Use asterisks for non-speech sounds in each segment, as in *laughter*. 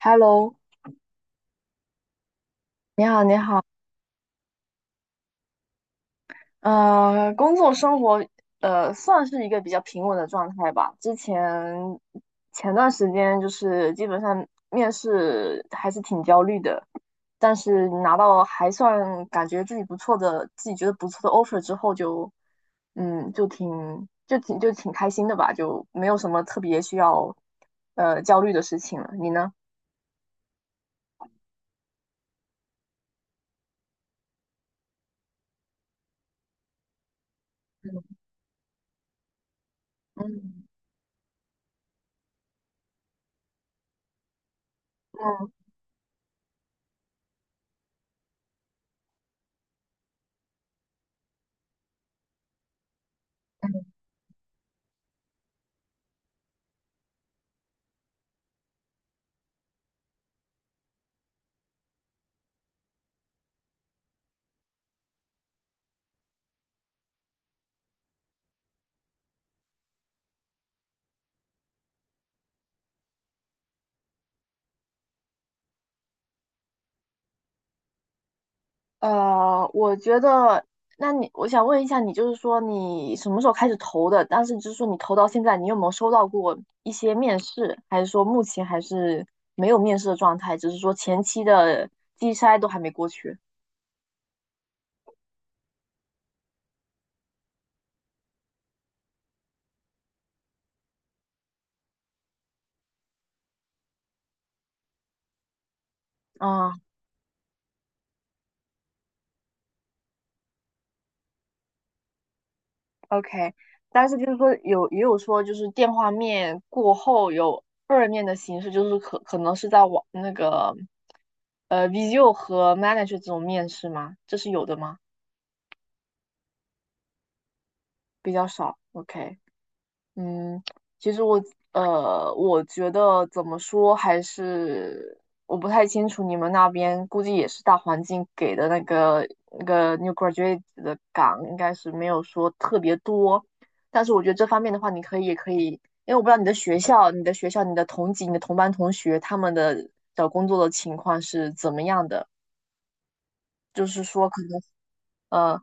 Hello，你好，你好，工作生活，算是一个比较平稳的状态吧。前段时间就是基本上面试还是挺焦虑的，但是拿到还算感觉自己不错的，自己觉得不错的 offer 之后就，嗯，就挺就挺开心的吧，就没有什么特别需要焦虑的事情了。你呢？嗯，嗯。我觉得，我想问一下，你就是说你什么时候开始投的？但是就是说你投到现在，你有没有收到过一些面试？还是说目前还是没有面试的状态？只是说前期的机筛都还没过去。嗯，OK。但是就是说有也有说就是电话面过后有二面的形式，就是可能是在那个Visio 和 Manager 这种面试吗？这是有的吗？比较少。OK。嗯，其实我觉得怎么说还是我不太清楚你们那边，估计也是大环境给的那个 new graduate 的岗，应该是没有说特别多。但是我觉得这方面的话，你可以也可以，因为我不知道你的学校、你的同级、你的同班同学他们的找工作的情况是怎么样的，就是说可能呃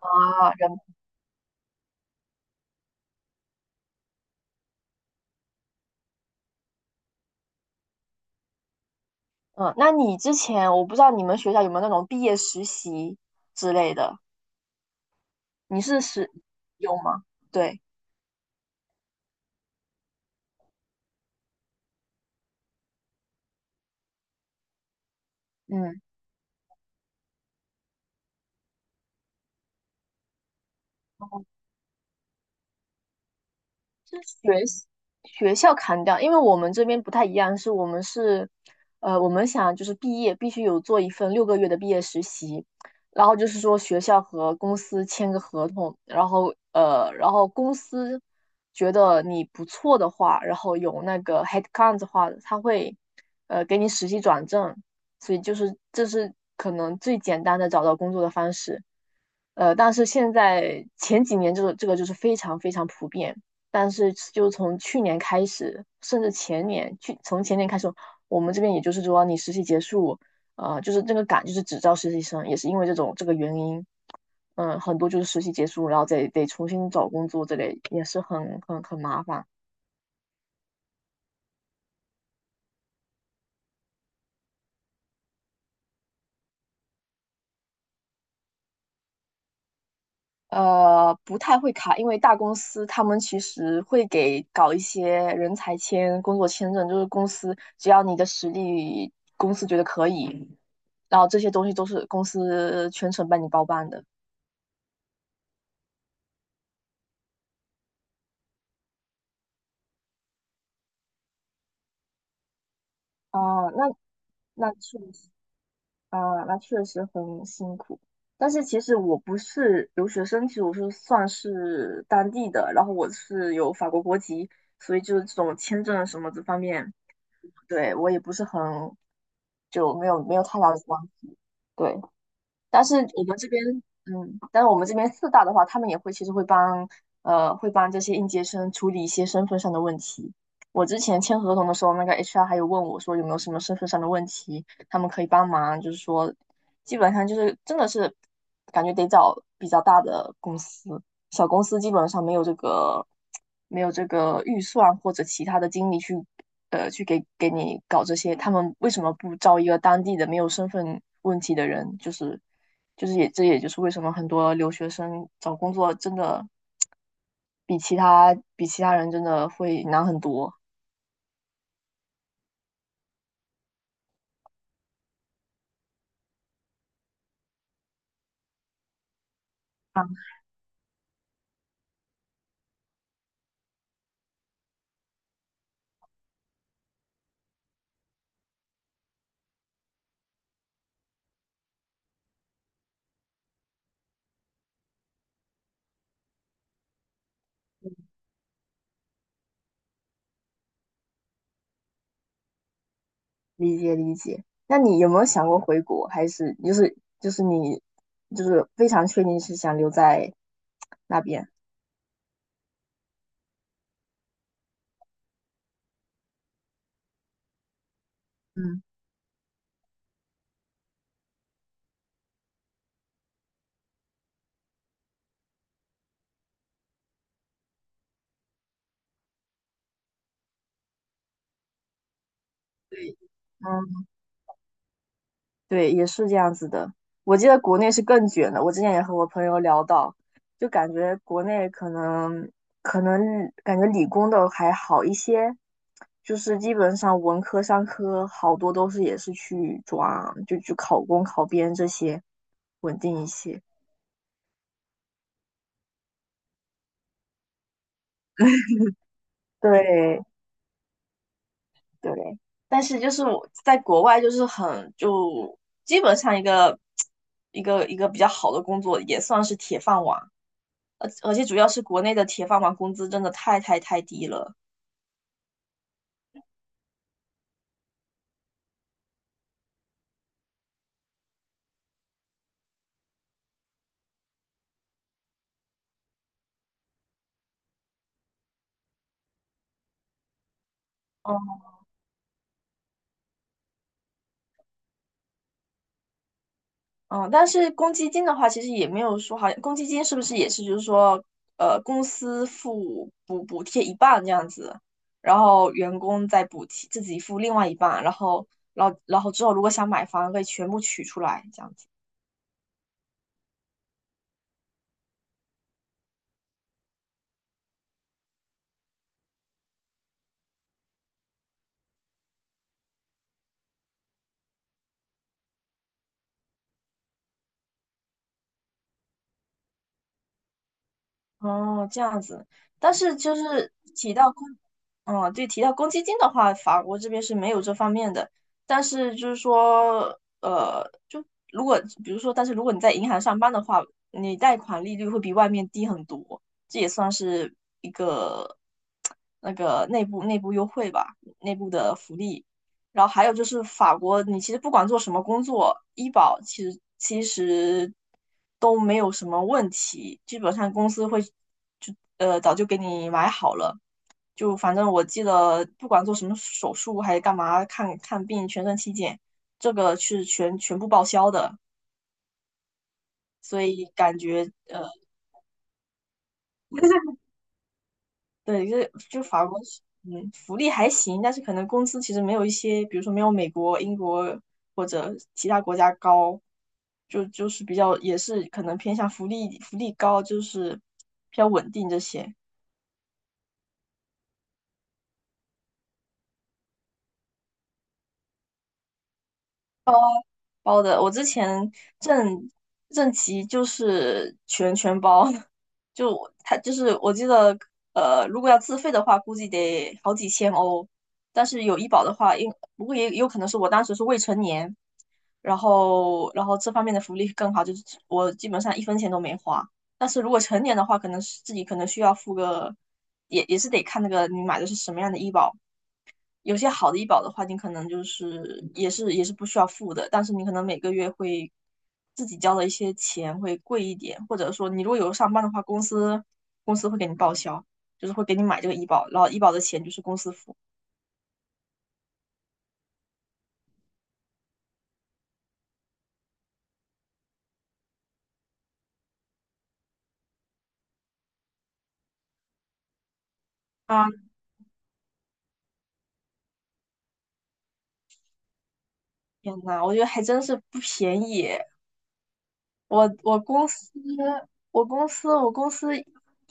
啊人嗯，那你之前我不知道你们学校有没有那种毕业实习之类的。你是使有吗？对，嗯，是学学校砍掉，因为我们这边不太一样，是我们是，我们想就是毕业必须有做一份6个月的毕业实习，然后就是说学校和公司签个合同，然后然后公司觉得你不错的话，然后有那个 headcount 的话，他会给你实习转正，所以就是这是可能最简单的找到工作的方式。但是现在前几年这个就是非常非常普遍，但是就从去年开始，甚至前年，从前年开始，我们这边也就是说，你实习结束，就是这个岗就是只招实习生，也是因为这种这个原因，嗯，很多就是实习结束，然后再得重新找工作，这类也是很麻烦。不太会卡，因为大公司他们其实会给搞一些人才签、工作签证，就是公司只要你的实力，公司觉得可以，然后这些东西都是公司全程帮你包办的。哦，那确实那确实很辛苦。但是其实我不是留学生，其实我是算是当地的，然后我是有法国国籍，所以就是这种签证什么这方面，对，我也不是很，就没有太大的关系。对。但是我们这边，但是我们这边四大的话，他们其实会帮这些应届生处理一些身份上的问题。我之前签合同的时候，那个 HR 还有问我说有没有什么身份上的问题，他们可以帮忙，就是说，基本上就是真的是感觉得找比较大的公司，小公司基本上没有这个预算或者其他的精力去。去给你搞这些，他们为什么不招一个当地的没有身份问题的人？就是也就是为什么很多留学生找工作真的比其他人真的会难很多。理解理解。那你有没有想过回国？还是就是你非常确定是想留在那边？嗯，对，嗯。对，也是这样子的。我记得国内是更卷的，我之前也和我朋友聊到，就感觉国内可能感觉理工的还好一些，就是基本上文科、商科好多都是也是去抓，就去考公、考编这些稳定一些。对对，但是就是我在国外就是基本上一个 *tsk* 一个比较好的工作也算是铁饭碗。而且主要是国内的铁饭碗工资真的太低了。嗯嗯，但是公积金的话，其实也没有说，好像公积金是不是也是就是说，公司付补贴一半这样子，然后员工再补贴自己付另外一半，然后之后如果想买房可以全部取出来这样子。哦，这样子。但是就是提到公，嗯，对，提到公积金的话，法国这边是没有这方面的。但是就是说，呃，就如果比如说，但是如果你在银行上班的话，你贷款利率会比外面低很多，这也算是一个 *tsk* 那个内部优惠吧，内部的福利。然后还有就是法国，你其实不管做什么工作，医保其实都没有什么问题，基本上公司会早就给你买好了。就反正我记得，不管做什么手术还是干嘛，看看病、全身体检，这个是全部报销的。所以感觉*laughs* 对，就是法国是福利还行，但是可能工资其实没有一些，比如说没有美国、英国或者其他国家高，就是比较也是可能偏向福利，福利高就是比较稳定这些包的。我之前正正畸就是全包，*laughs* 就我他就是我记得，如果要自费的话，估计得好几千欧，但是有医保的话，不过也有可能是我当时是未成年。然后这方面的福利更好，就是我基本上一分钱都没花。但是如果成年的话，可能是自己可能需要付个，也是得看那个你买的是什么样的医保。有些好的医保的话，你可能就是也是不需要付的，但是你可能每个月会自己交的一些钱会贵一点，或者说你如果有上班的话，公司会给你报销，就是会给你买这个医保，然后医保的钱就是公司付。啊，天呐，我觉得还真是不便宜。我我公司我公司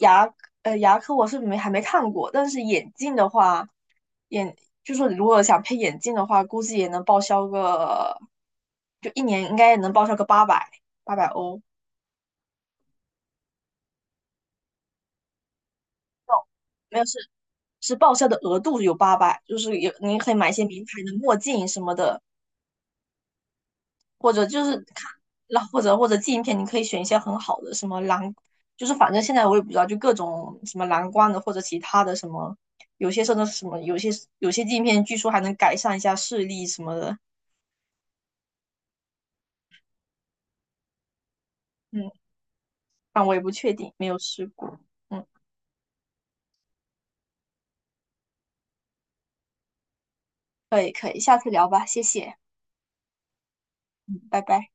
牙牙科我是没还没看过，但是眼镜的话，眼就说如果想配眼镜的话，估计也能报销个，就一年应该也能报销个八百欧，没有是报销的额度有八百，就是有你可以买一些名牌的墨镜什么的，或者就是看，那或者镜片，你可以选一些很好的，什么蓝，就是反正现在我也不知道，就各种什么蓝光的或者其他的什么，有些甚至什么，有些有些镜片据说还能改善一下视力什么的，嗯，但我也不确定，没有试过，嗯，可以可以，下次聊吧，谢谢，嗯，拜拜。